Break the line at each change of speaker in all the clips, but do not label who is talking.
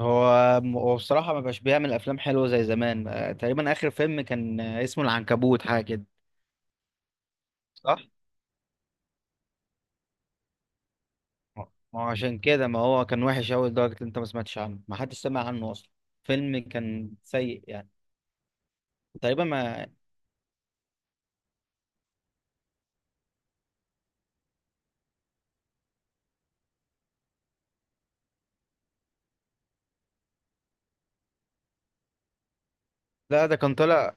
هو هو بصراحة ما بقاش بيعمل أفلام حلوة زي زمان، تقريبا آخر فيلم كان اسمه العنكبوت حاجة كده، صح؟ ما هو عشان كده، ما هو كان وحش أوي لدرجة إن أنت ما سمعتش عنه، ما حدش سمع عنه أصلا. فيلم كان سيء يعني. تقريبا ما لا ده كان طالع.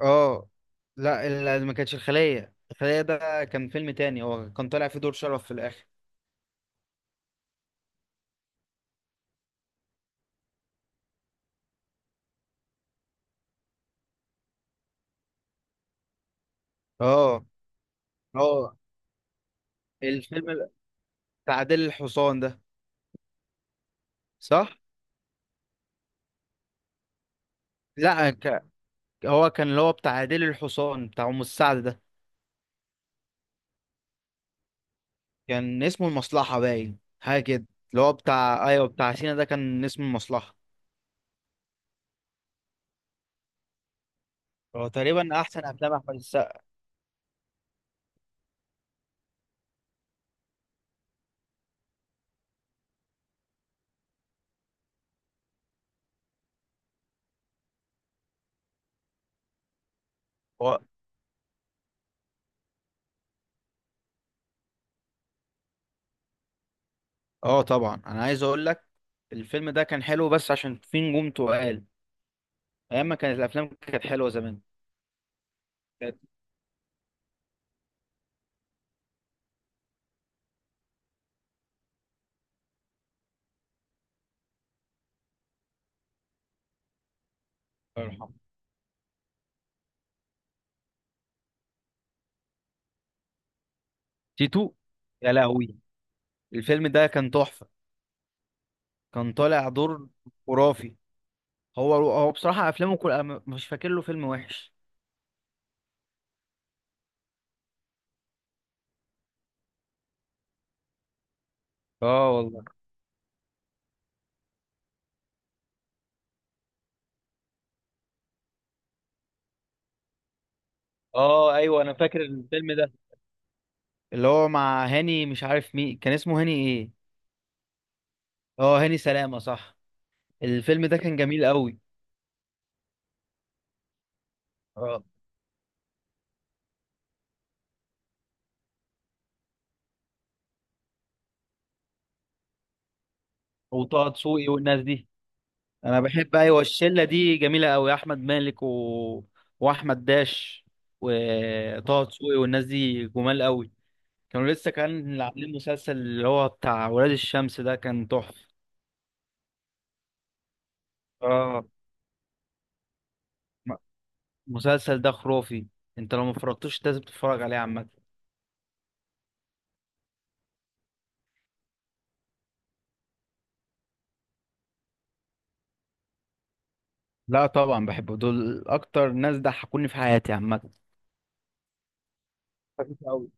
اه لا، ما كانتش الخلية، الخلية ده كان فيلم تاني، هو كان طالع فيه دور شرف في الآخر. اه اه، الفيلم بتاع عادل الحصان ده. صح؟ لا ك... هو كان اللي هو بتاع عادل الحصان بتاع أم السعد ده، كان اسمه المصلحة باين، حاجة كده. اللي هو بتاع، أيوه، بتاع سينا ده كان اسمه المصلحة. هو تقريبا أحسن أفلام أحمد السقا. هو أه طبعا، أنا عايز أقول لك الفيلم ده كان حلو، بس عشان في نجوم تقال، أيام ما كانت الأفلام كانت حلوة زمان. كانت- الله يرحمه. تيتو، يا لهوي، الفيلم ده كان تحفة. كان طالع دور خرافي. هو بصراحة أفلامه كل أنا مش فاكر له فيلم وحش. اه والله. اه ايوه انا فاكر الفيلم ده، اللي هو مع هاني، مش عارف مين، كان اسمه هاني ايه؟ اه هاني سلامة، صح. الفيلم ده كان جميل قوي. اه، وطه دسوقي والناس دي. انا بحب، ايوه، الشلة دي جميلة قوي، احمد مالك واحمد داش وطه دسوقي والناس دي جمال قوي. كانوا لسه كان عاملين مسلسل اللي هو بتاع ولاد الشمس ده، كان تحفة. اه، م- المسلسل ده خرافي، انت لو ما فرجتوش لازم تتفرج عليه عامة. لا طبعا بحبه دول، اكتر ناس ضحكوني في حياتي عامة. خفيف أوي.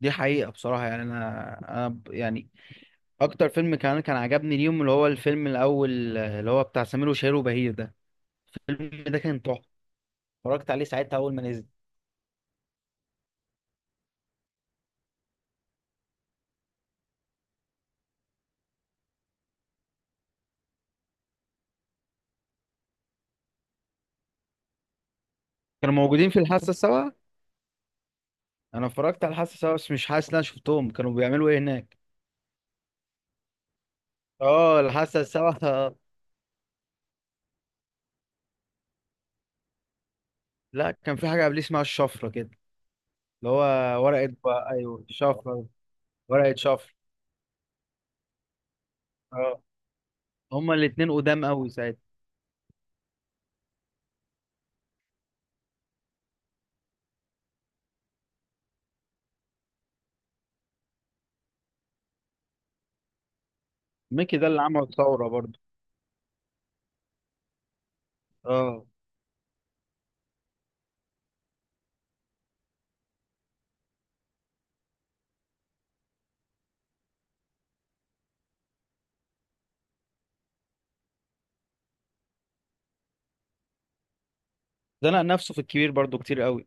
دي حقيقة بصراحة يعني، أنا يعني اكتر فيلم كان عجبني اليوم، اللي هو الفيلم الاول اللي هو بتاع سمير وشهير وبهير ده. الفيلم ده كان تحفه، اتفرجت عليه ساعتها اول ما نزل. كانوا موجودين في الحاسه السابعه؟ انا اتفرجت على الحاسه السابعه، بس مش حاسس ان انا شفتهم كانوا بيعملوا ايه هناك. اه الحاسه السابعه آه. لا كان في حاجه قبليه اسمها الشفره كده، اللي هو ورقه، بقى ايوه شفره، ورقه شفره. اه، هما الاتنين قدام قوي ساعتها. ميكي ده اللي عمل ثوره برضه. اه، ده نفسه في الكبير برضه كتير قوي.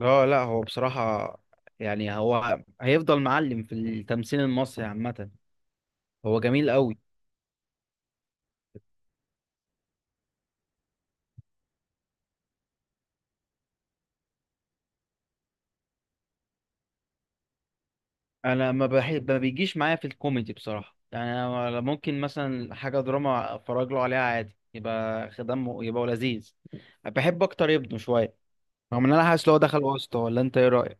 اه لا، هو بصراحة يعني هو هيفضل معلم في التمثيل المصري عامة. هو جميل قوي. انا ما بحب، ما بيجيش معايا في الكوميدي بصراحة يعني. أنا ممكن مثلا حاجة دراما اتفرج له عليها عادي، يبقى خدمه، يبقى هو لذيذ. بحب اكتر ابنه شوية، رغم ان انا حاسس لو دخل وسطه. ولا انت ايه رأيك؟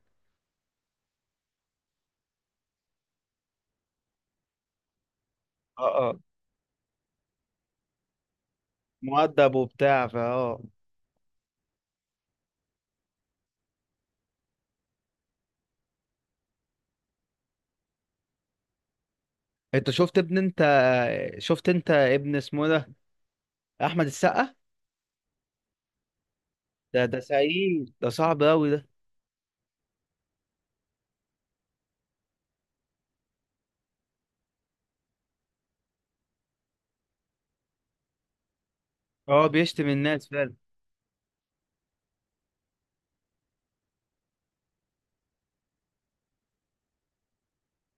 اه اه، مؤدب وبتاع، فا اه. انت شفت ابن، انت شفت ابن اسمه ده، احمد السقا ده. ده سعيد، ده صعب قوي ده. اه بيشتم الناس.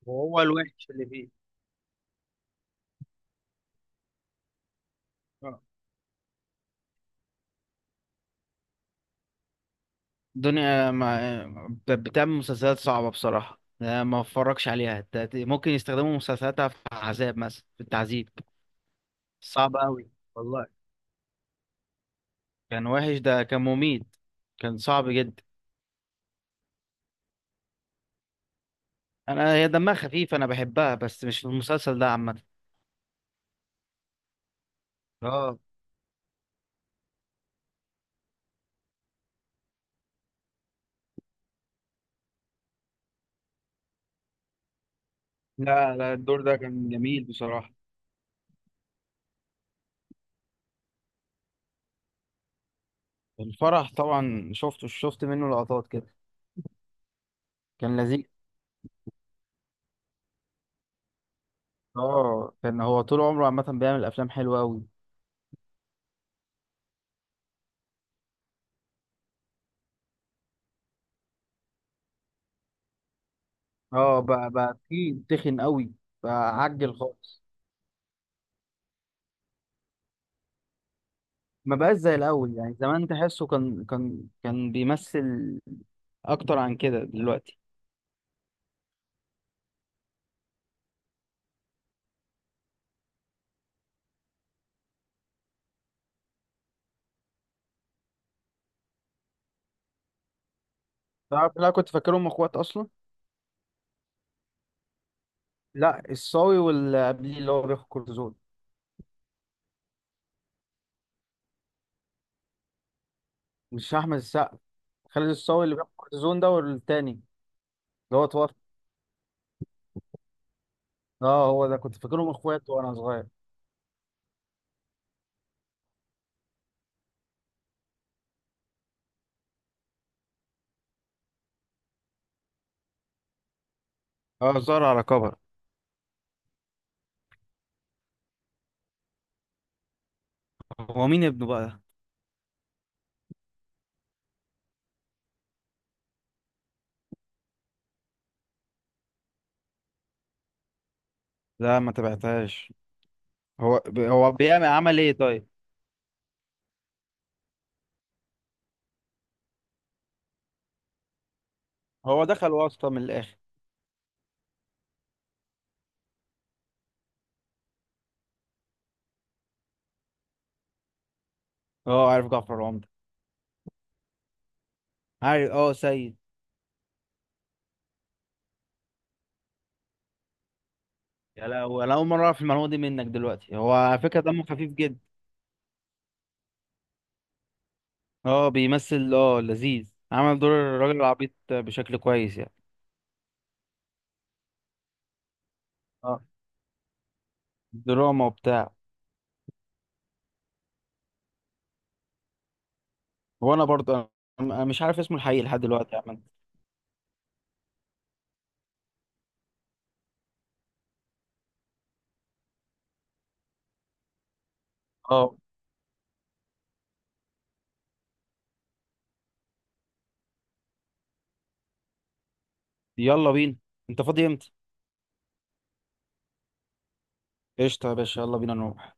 وهو الوحش اللي فيه. اه دنيا، ما بت- بتعمل مسلسلات صعبة بصراحة يعني، أنا ما اتفرجش عليها. ممكن يستخدموا مسلسلاتها في عذاب، مثلا في التعذيب. صعب قوي، والله كان وحش، ده كان مميت، كان صعب جدا. انا هي دمها خفيف، انا بحبها، بس مش في المسلسل ده عامة. اه لا لا، الدور ده كان جميل بصراحة. الفرح طبعا شفته، شفت منه لقطات كده. كان لذيذ. اه كان هو طول عمره عامة بيعمل افلام حلوة قوي. اه بقى، بقى في تخن قوي، بقى عجل خالص. ما بقاش زي الاول يعني، زمان تحسه كان بيمثل اكتر عن كده دلوقتي. تعرف، لا كنت فاكرهم اخوات اصلا. لا الصاوي واللي قبليه، اللي هو بياخد كورتيزون، مش احمد السقا. خالد الصاوي اللي بياخد كورتيزون ده، والتاني اللي هو اتوفى. اه هو ده، كنت فاكرهم اخوات وانا صغير. اه ظهر على كبر. هو مين ابنه بقى؟ لا ما تبعتهاش. هو هو بيعمل عمل ايه طيب؟ هو دخل واسطة من الاخر. اه عارف جعفر العمدة. عارف، اه سيد. يا لهوي، انا اول مره اعرف المعلومه دي منك دلوقتي. هو على فكره دمه خفيف جدا. اه بيمثل اه، لذيذ، عمل دور الراجل العبيط بشكل كويس يعني. اه دراما وبتاع. وانا برضه، أنا مش عارف اسمه الحقيقي لحد دلوقتي يا عم. اه يلا بينا، انت فاضي امتى؟ قشطه يا باشا، يلا بينا نروح.